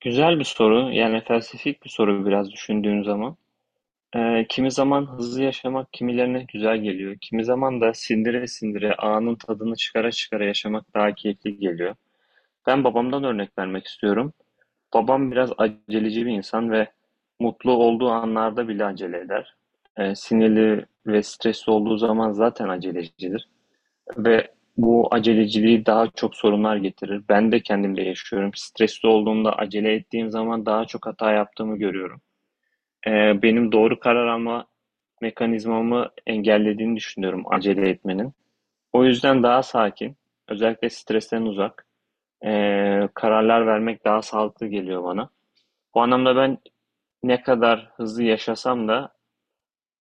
Güzel bir soru. Yani felsefik bir soru biraz düşündüğün zaman. Kimi zaman hızlı yaşamak kimilerine güzel geliyor. Kimi zaman da sindire sindire anın tadını çıkara çıkara yaşamak daha keyifli geliyor. Ben babamdan örnek vermek istiyorum. Babam biraz aceleci bir insan ve mutlu olduğu anlarda bile acele eder. Sinirli ve stresli olduğu zaman zaten acelecidir. Ve bu aceleciliği daha çok sorunlar getirir. Ben de kendimde yaşıyorum. Stresli olduğumda acele ettiğim zaman daha çok hata yaptığımı görüyorum. Benim doğru karar alma mekanizmamı engellediğini düşünüyorum acele etmenin. O yüzden daha sakin, özellikle stresten uzak kararlar vermek daha sağlıklı geliyor bana. Bu anlamda ben ne kadar hızlı yaşasam da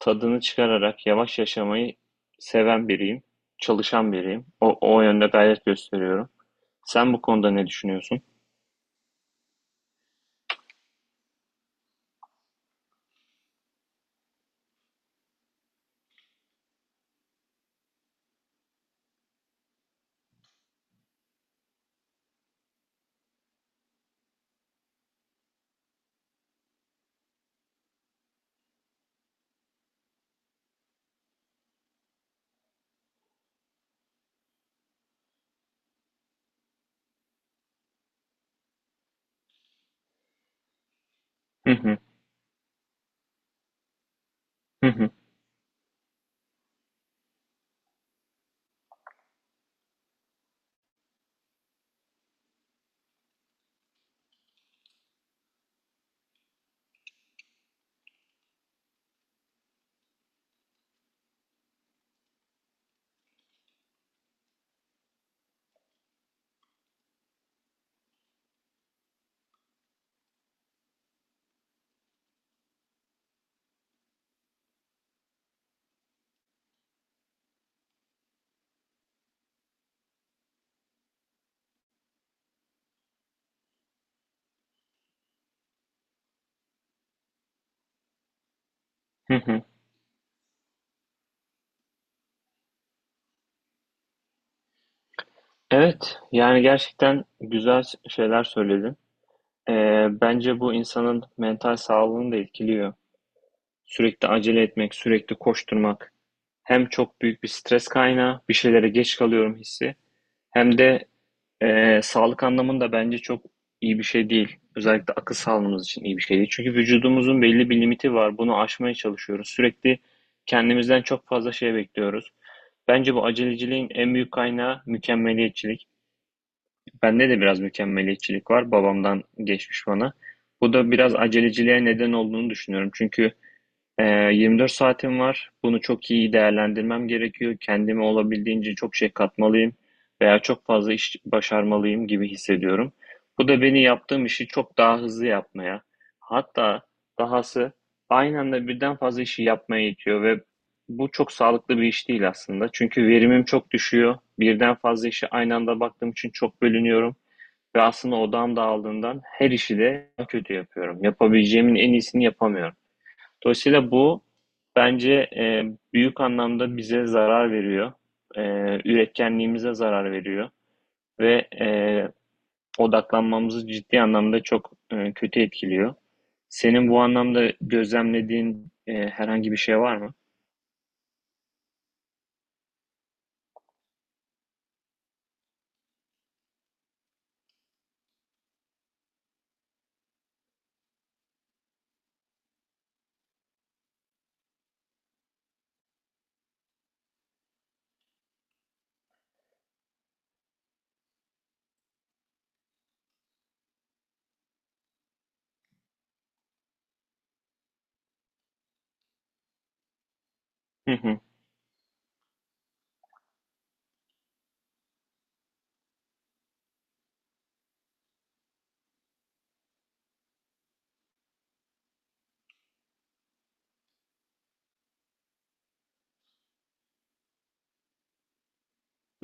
tadını çıkararak yavaş yaşamayı seven biriyim, çalışan biriyim. O yönde gayret gösteriyorum. Sen bu konuda ne düşünüyorsun? Hı hı. Hı hı. Hı hı. Evet, yani gerçekten güzel şeyler söyledin. Bence bu insanın mental sağlığını da etkiliyor. Sürekli acele etmek, sürekli koşturmak hem çok büyük bir stres kaynağı, bir şeylere geç kalıyorum hissi, hem de sağlık anlamında bence çok iyi bir şey değil. Özellikle akıl sağlığımız için iyi bir şey değil. Çünkü vücudumuzun belli bir limiti var. Bunu aşmaya çalışıyoruz. Sürekli kendimizden çok fazla şey bekliyoruz. Bence bu aceleciliğin en büyük kaynağı mükemmeliyetçilik. Bende de biraz mükemmeliyetçilik var. Babamdan geçmiş bana. Bu da biraz aceleciliğe neden olduğunu düşünüyorum. Çünkü 24 saatim var. Bunu çok iyi değerlendirmem gerekiyor. Kendime olabildiğince çok şey katmalıyım veya çok fazla iş başarmalıyım gibi hissediyorum. Bu da beni yaptığım işi çok daha hızlı yapmaya, hatta dahası aynı anda birden fazla işi yapmaya itiyor ve bu çok sağlıklı bir iş değil aslında. Çünkü verimim çok düşüyor. Birden fazla işe aynı anda baktığım için çok bölünüyorum ve aslında odağım dağıldığından her işi de kötü yapıyorum. Yapabileceğimin en iyisini yapamıyorum. Dolayısıyla bu bence büyük anlamda bize zarar veriyor. E, Üretkenliğimize zarar veriyor ve odaklanmamızı ciddi anlamda çok kötü etkiliyor. Senin bu anlamda gözlemlediğin herhangi bir şey var mı? Hı hı,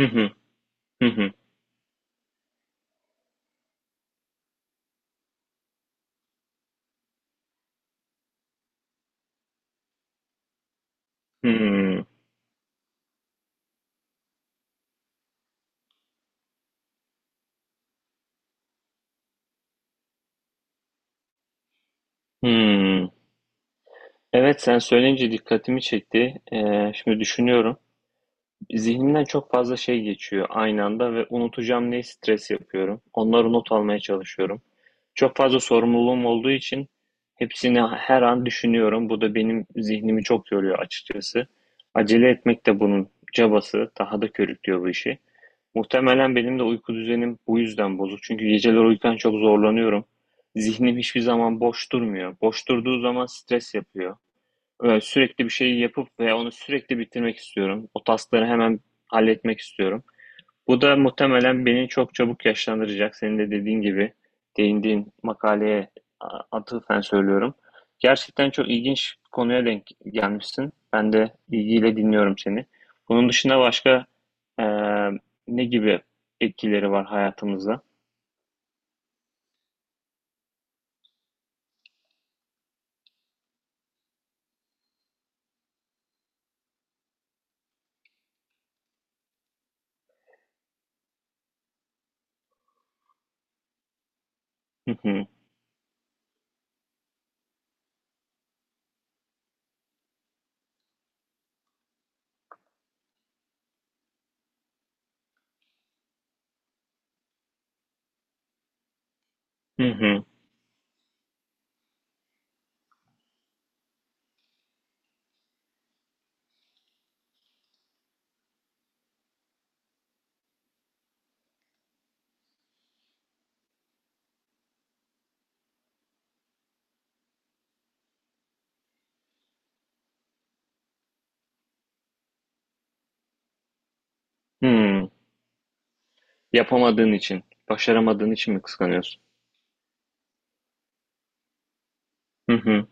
hı hı, hı hı, hı hı. Evet, sen söyleyince dikkatimi çekti. Şimdi düşünüyorum. Zihnimden çok fazla şey geçiyor aynı anda ve unutacağım diye stres yapıyorum. Onları not almaya çalışıyorum. Çok fazla sorumluluğum olduğu için hepsini her an düşünüyorum. Bu da benim zihnimi çok yoruyor açıkçası. Acele etmek de bunun cabası. Daha da körüklüyor bu işi. Muhtemelen benim de uyku düzenim bu yüzden bozuk. Çünkü geceler uyurken çok zorlanıyorum. Zihnim hiçbir zaman boş durmuyor. Boş durduğu zaman stres yapıyor. Sürekli bir şeyi yapıp ve onu sürekli bitirmek istiyorum. O taskları hemen halletmek istiyorum. Bu da muhtemelen beni çok çabuk yaşlandıracak. Senin de dediğin gibi değindiğin makaleye atıfen söylüyorum. Gerçekten çok ilginç bir konuya denk gelmişsin. Ben de ilgiyle dinliyorum seni. Bunun dışında başka e, ne gibi etkileri var hayatımızda? Hı hı, hı hı, hı. Yapamadığın için, başaramadığın için mi kıskanıyorsun? Hı hı.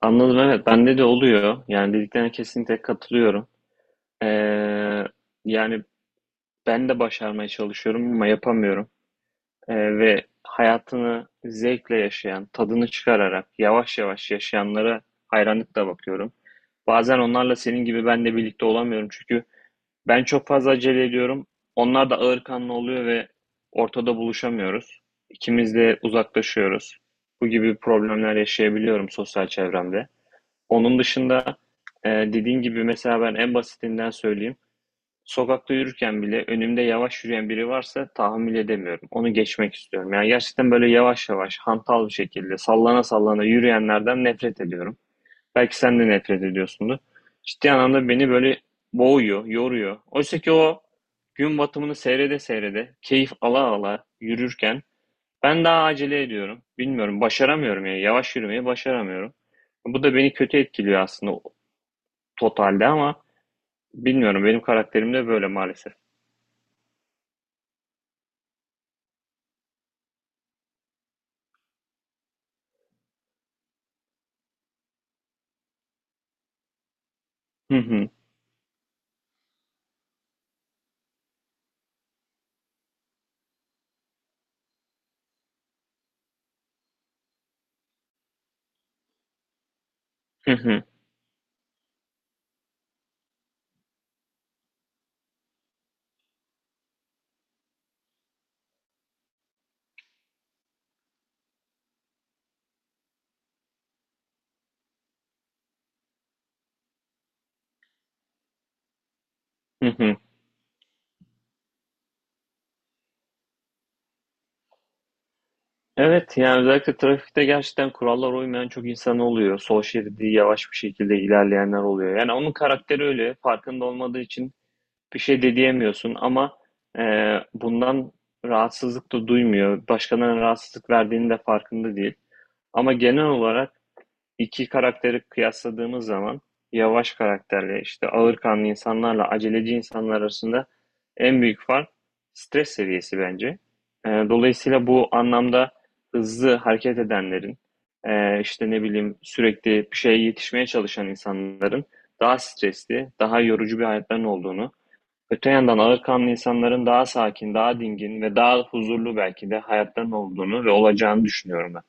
Anladım evet bende de oluyor. Yani dediklerine kesinlikle katılıyorum. Ee, yani Ben de başarmaya çalışıyorum ama yapamıyorum. Ve hayatını zevkle yaşayan, tadını çıkararak yavaş yavaş yaşayanlara hayranlıkla bakıyorum. Bazen onlarla senin gibi ben de birlikte olamıyorum çünkü ben çok fazla acele ediyorum. Onlar da ağırkanlı oluyor ve ortada buluşamıyoruz. İkimiz de uzaklaşıyoruz. Bu gibi problemler yaşayabiliyorum sosyal çevremde. Onun dışında dediğin gibi mesela ben en basitinden söyleyeyim. Sokakta yürürken bile önümde yavaş yürüyen biri varsa tahammül edemiyorum. Onu geçmek istiyorum. Yani gerçekten böyle yavaş yavaş, hantal bir şekilde, sallana sallana yürüyenlerden nefret ediyorum. Belki sen de nefret ediyorsundur. Ciddi anlamda beni böyle boğuyor, yoruyor. Oysa ki o gün batımını seyrede seyrede, keyif ala ala yürürken ben daha acele ediyorum. Bilmiyorum, başaramıyorum yani. Yavaş yürümeyi başaramıyorum. Bu da beni kötü etkiliyor aslında totalde ama bilmiyorum benim karakterim de böyle maalesef. Hı hı. Hı hı, hı hı. Evet yani özellikle trafikte gerçekten kurallara uymayan çok insan oluyor. Sol şeridi yavaş bir şekilde ilerleyenler oluyor. Yani onun karakteri öyle farkında olmadığı için bir şey de diyemiyorsun ama e, bundan rahatsızlık da duymuyor. Başkalarına rahatsızlık verdiğinin de farkında değil. Ama genel olarak iki karakteri kıyasladığımız zaman yavaş karakterle işte ağırkanlı insanlarla aceleci insanlar arasında en büyük fark stres seviyesi bence. Dolayısıyla bu anlamda hızlı hareket edenlerin işte ne bileyim sürekli bir şeye yetişmeye çalışan insanların daha stresli, daha yorucu bir hayatların olduğunu, öte yandan ağırkanlı insanların daha sakin, daha dingin ve daha huzurlu belki de hayatların olduğunu ve olacağını düşünüyorum ben.